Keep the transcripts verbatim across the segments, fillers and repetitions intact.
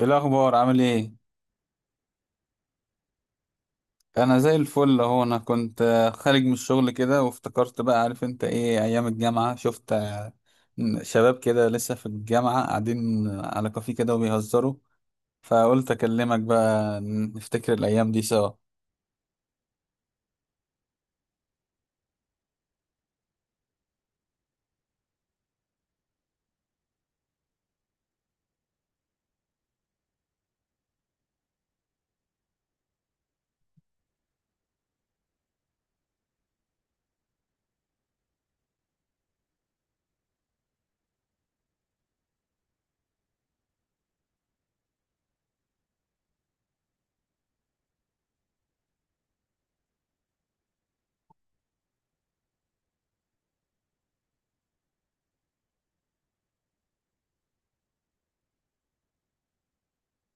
ايه الاخبار؟ عامل ايه؟ انا زي الفل اهو. انا كنت آه، خارج من الشغل كده، وافتكرت بقى عارف انت ايه ايام الجامعه. شفت آه، شباب كده لسه في الجامعه قاعدين على كافيه كده وبيهزروا، فقلت اكلمك بقى نفتكر الايام دي سوا.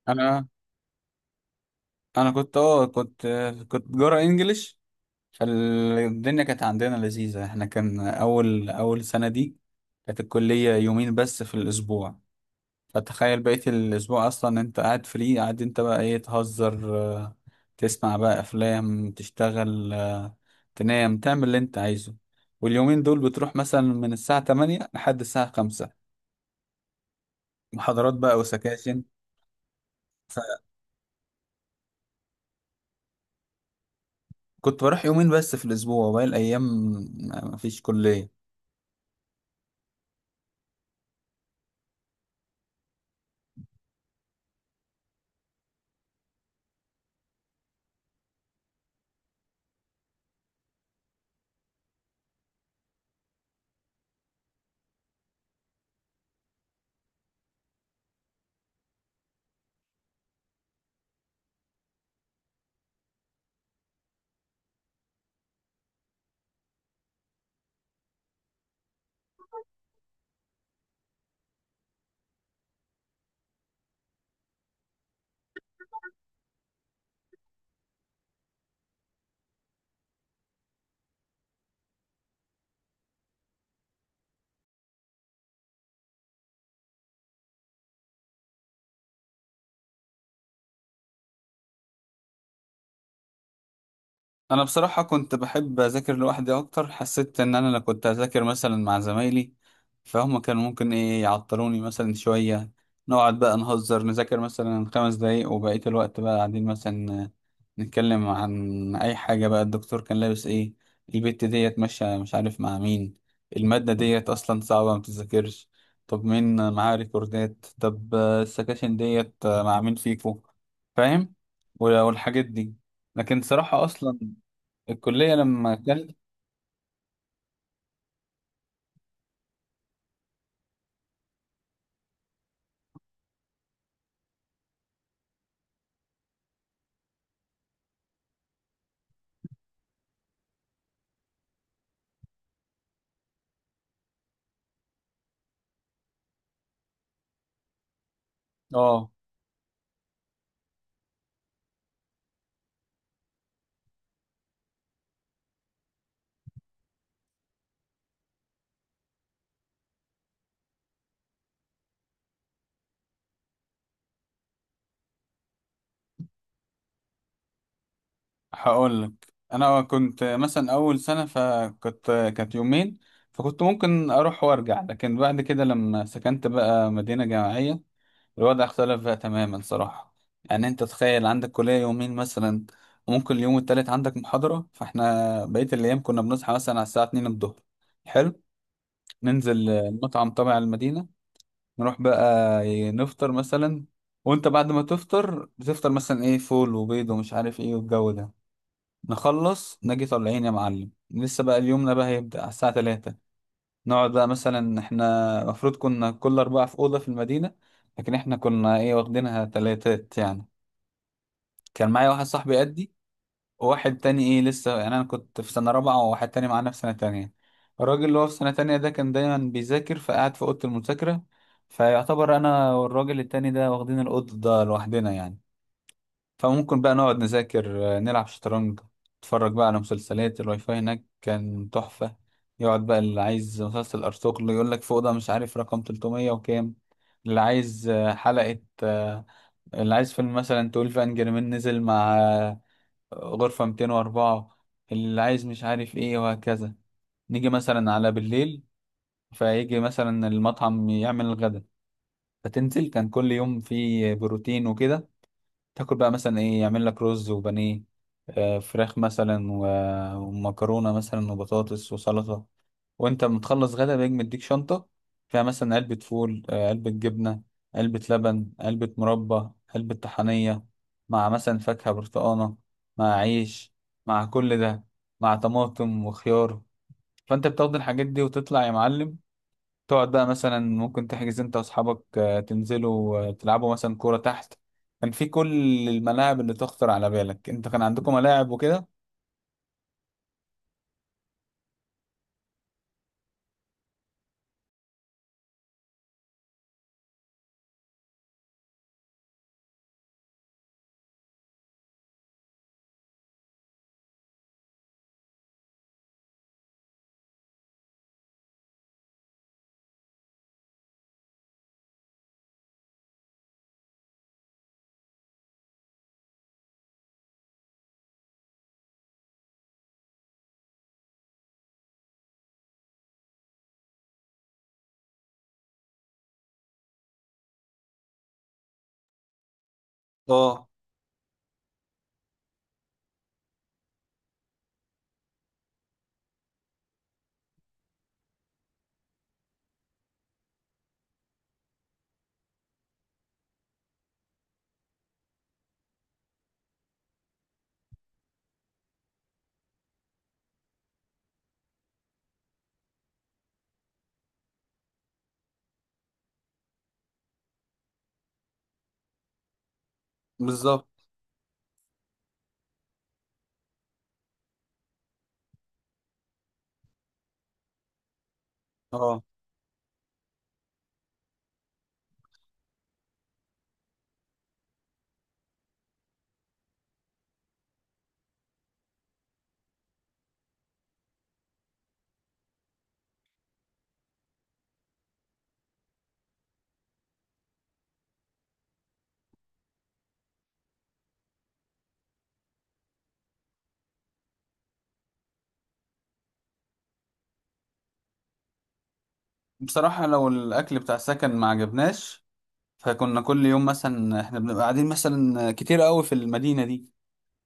انا انا كنت اه كنت آه، كنت جرا انجليش، فالدنيا كانت عندنا لذيذه. احنا كان اول اول سنه دي كانت الكليه يومين بس في الاسبوع، فتخيل بقية الأسبوع أصلا أنت قاعد فري، قاعد أنت بقى إيه، تهزر آه، تسمع بقى أفلام، تشتغل، آه، تنام، تعمل اللي أنت عايزه. واليومين دول بتروح مثلا من الساعة تمانية لحد الساعة خمسة محاضرات بقى وسكاشن. فكنت بروح يومين بس في الأسبوع، وباقي الأيام مفيش كلية. انا بصراحه كنت بحب اذاكر لوحدي اكتر. حسيت ان انا لو كنت اذاكر مثلا مع زمايلي، فهم كانوا ممكن ايه يعطلوني مثلا شويه. نقعد بقى نهزر، نذاكر مثلا خمس دقايق وبقيه الوقت بقى قاعدين مثلا نتكلم عن اي حاجه بقى. الدكتور كان لابس ايه، البت ديت ماشيه مش عارف مع مين، الماده ديت اصلا صعبه ما بتذاكرش، طب مين معاه ريكوردات، طب آه، السكاشن ديت آه، مع مين فيكو، فاهم، وال- والحاجات دي. لكن صراحة أصلا الكلية لما كان، اه، هقول لك. انا كنت مثلا اول سنة فكنت، كانت يومين، فكنت ممكن اروح وارجع. لكن بعد كده لما سكنت بقى مدينة جامعية، الوضع اختلف بقى تماما صراحة. يعني انت تخيل عندك كلية يومين مثلا، وممكن اليوم التالت عندك محاضرة، فاحنا بقية الايام كنا بنصحى مثلا على الساعة اتنين الظهر. حلو، ننزل المطعم تبع المدينة، نروح بقى نفطر مثلا. وانت بعد ما تفطر، بتفطر مثلا ايه، فول وبيض ومش عارف ايه والجو ده، نخلص نجي طالعين يا معلم. لسه بقى اليومنا بقى هيبدأ على الساعة تلاتة. نقعد بقى مثلا، احنا المفروض كنا كل أربعة في أوضة في المدينة، لكن احنا كنا ايه واخدينها تلاتات يعني. كان معايا واحد صاحبي قدي، واحد تاني ايه لسه، يعني انا كنت في سنه رابعه وواحد تاني معانا في سنه تانية. الراجل اللي هو في سنه تانية ده كان دايما بيذاكر، فقعد في اوضه المذاكره، فيعتبر انا والراجل التاني ده واخدين الاوضه ده لوحدنا يعني. فممكن بقى نقعد نذاكر، آه، نلعب شطرنج، نتفرج بقى على مسلسلات. الواي فاي هناك كان تحفه. يقعد بقى اللي عايز مسلسل ارطغرل يقول لك في اوضه مش عارف رقم تلتمية وكام، اللي عايز آه، حلقه آه، اللي عايز فيلم مثلا اثنا عشر انجر مان نزل مع غرفة ميتين واربعة، اللي عايز مش عارف ايه، وهكذا. نيجي مثلا على بالليل، فيجي مثلا المطعم يعمل الغدا، فتنزل. كان كل يوم في بروتين وكده. تاكل بقى مثلا ايه، يعمل لك رز وبانيه، آه، فراخ مثلا و- ومكرونة مثلا وبطاطس وسلطة. وانت متخلص غدا بيجي مديك شنطة فيها مثلا علبة فول، آه، علبة جبنة، علبة لبن، علبة مربى، علبة طحنية، مع مثلا فاكهة برتقانة، مع عيش، مع كل ده، مع طماطم وخيار. فانت بتاخد الحاجات دي وتطلع يا معلم، تقعد بقى مثلا ممكن تحجز انت واصحابك آه، تنزلوا آه، تلعبوا مثلا كورة تحت. كان في كل الملاعب اللي تخطر على بالك. انت كان عندكم ملاعب وكده؟ اه، بالظبط. اه، بصراحة لو الأكل بتاع السكن ما عجبناش، فكنا كل يوم مثلا احنا بنبقى قاعدين مثلا كتير قوي في المدينة دي.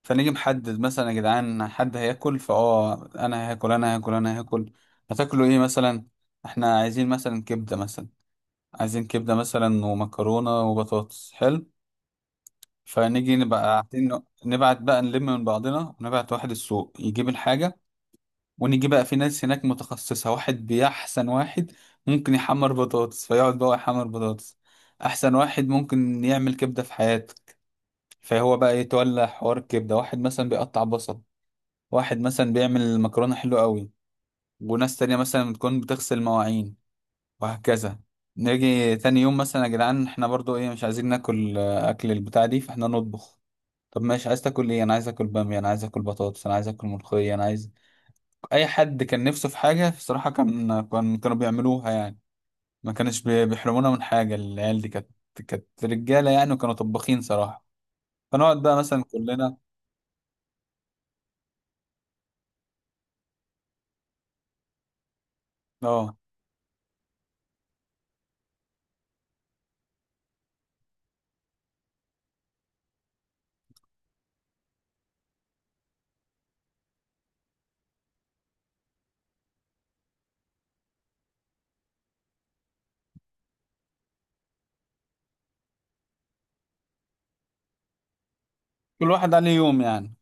فنيجي محدد مثلا، يا جدعان حد هياكل؟ فاه، انا هاكل، انا هاكل، انا هاكل. هتاكلوا ايه مثلا؟ احنا عايزين مثلا كبدة مثلا. عايزين كبدة مثلا ومكرونة وبطاطس. حلو، فنيجي نبقى قاعدين، نبعت بقى، نلم من بعضنا ونبعت واحد السوق يجيب الحاجة. ونيجي بقى في ناس هناك متخصصة، واحد بيحسن واحد ممكن يحمر بطاطس، فيقعد بقى يحمر بطاطس. احسن واحد ممكن يعمل كبدة في حياته، فهو بقى يتولى حوار الكبده. واحد مثلا بيقطع بصل، واحد مثلا بيعمل مكرونه حلوه قوي، وناس تانية مثلا بتكون بتغسل مواعين، وهكذا. نيجي تاني يوم مثلا، يا جدعان احنا برضو ايه مش عايزين ناكل آه، اكل البتاع دي، فاحنا نطبخ. طب ماشي، عايز تاكل ايه؟ انا عايز اكل باميه، انا عايز اكل بطاطس، انا عايز اكل ملوخيه، انا عايز. اي حد كان نفسه في حاجه بصراحه كان كان كانوا بيعملوها يعني. ما كانش بي- بيحرمونا من حاجه. العيال دي كانت كانت رجاله يعني، وكانوا طباخين صراحه. فنقعد بقى مثلا كلنا. اه، كل واحد عليه يوم يعني.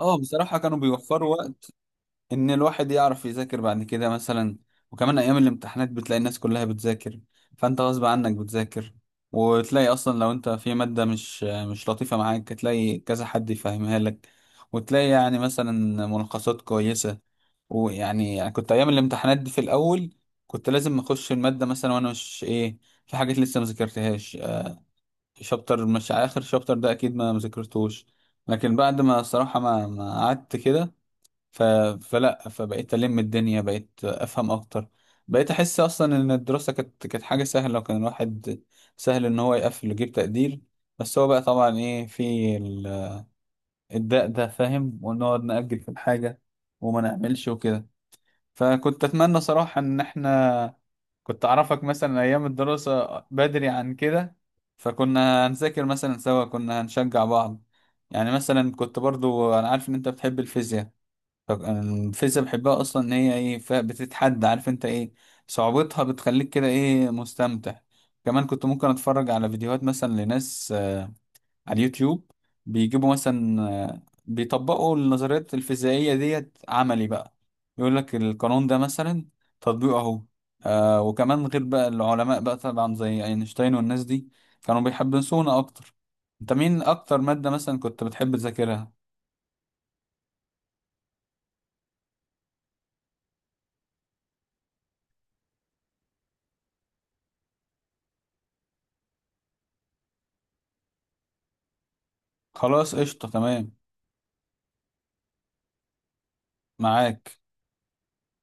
اه، بصراحة كانوا بيوفروا وقت ان الواحد يعرف يذاكر بعد كده مثلا. وكمان ايام الامتحانات بتلاقي الناس كلها بتذاكر، فانت غصب عنك بتذاكر. وتلاقي اصلا لو انت في مادة مش مش لطيفة معاك، تلاقي كذا حد يفهمها لك. وتلاقي يعني مثلا ملخصات كويسة. ويعني يعني كنت ايام الامتحانات دي في الاول، كنت لازم اخش المادة مثلا وانا مش ايه، في حاجات لسه ما ذاكرتهاش، شابتر مش على اخر شابتر ده اكيد ما مذاكرتوش. لكن بعد ما الصراحه ما ما قعدت كده، ف... فلا فبقيت الم الدنيا، بقيت افهم اكتر. بقيت احس اصلا ان الدراسه كانت كانت حاجه سهله، وكان الواحد سهل ان هو يقفل ويجيب تقدير. بس هو بقى طبعا ايه في ال- الداء ده فاهم، ونقعد نأجل في الحاجه وما نعملش وكده. فكنت اتمنى صراحه ان احنا كنت اعرفك مثلا ايام الدراسة بدري عن كده، فكنا هنذاكر مثلا سوا، كنا هنشجع بعض. يعني مثلا كنت برضو انا عارف ان انت بتحب الفيزياء. ف- الفيزياء بحبها اصلا ان هي ايه، ف- بتتحدى، عارف انت ايه، صعوبتها بتخليك كده ايه مستمتع. كمان كنت ممكن اتفرج على فيديوهات مثلا لناس، آه، على اليوتيوب بيجيبوا مثلا، آه، بيطبقوا النظريات الفيزيائية ديت عملي بقى، يقول لك القانون ده مثلا تطبيقه اهو. آه، وكمان غير بقى العلماء بقى طبعا زي اينشتاين والناس دي كانوا بيحبسونا اكتر. انت مين اكتر مادة مثلا كنت بتحب تذاكرها؟ خلاص، قشطة، تمام، معاك.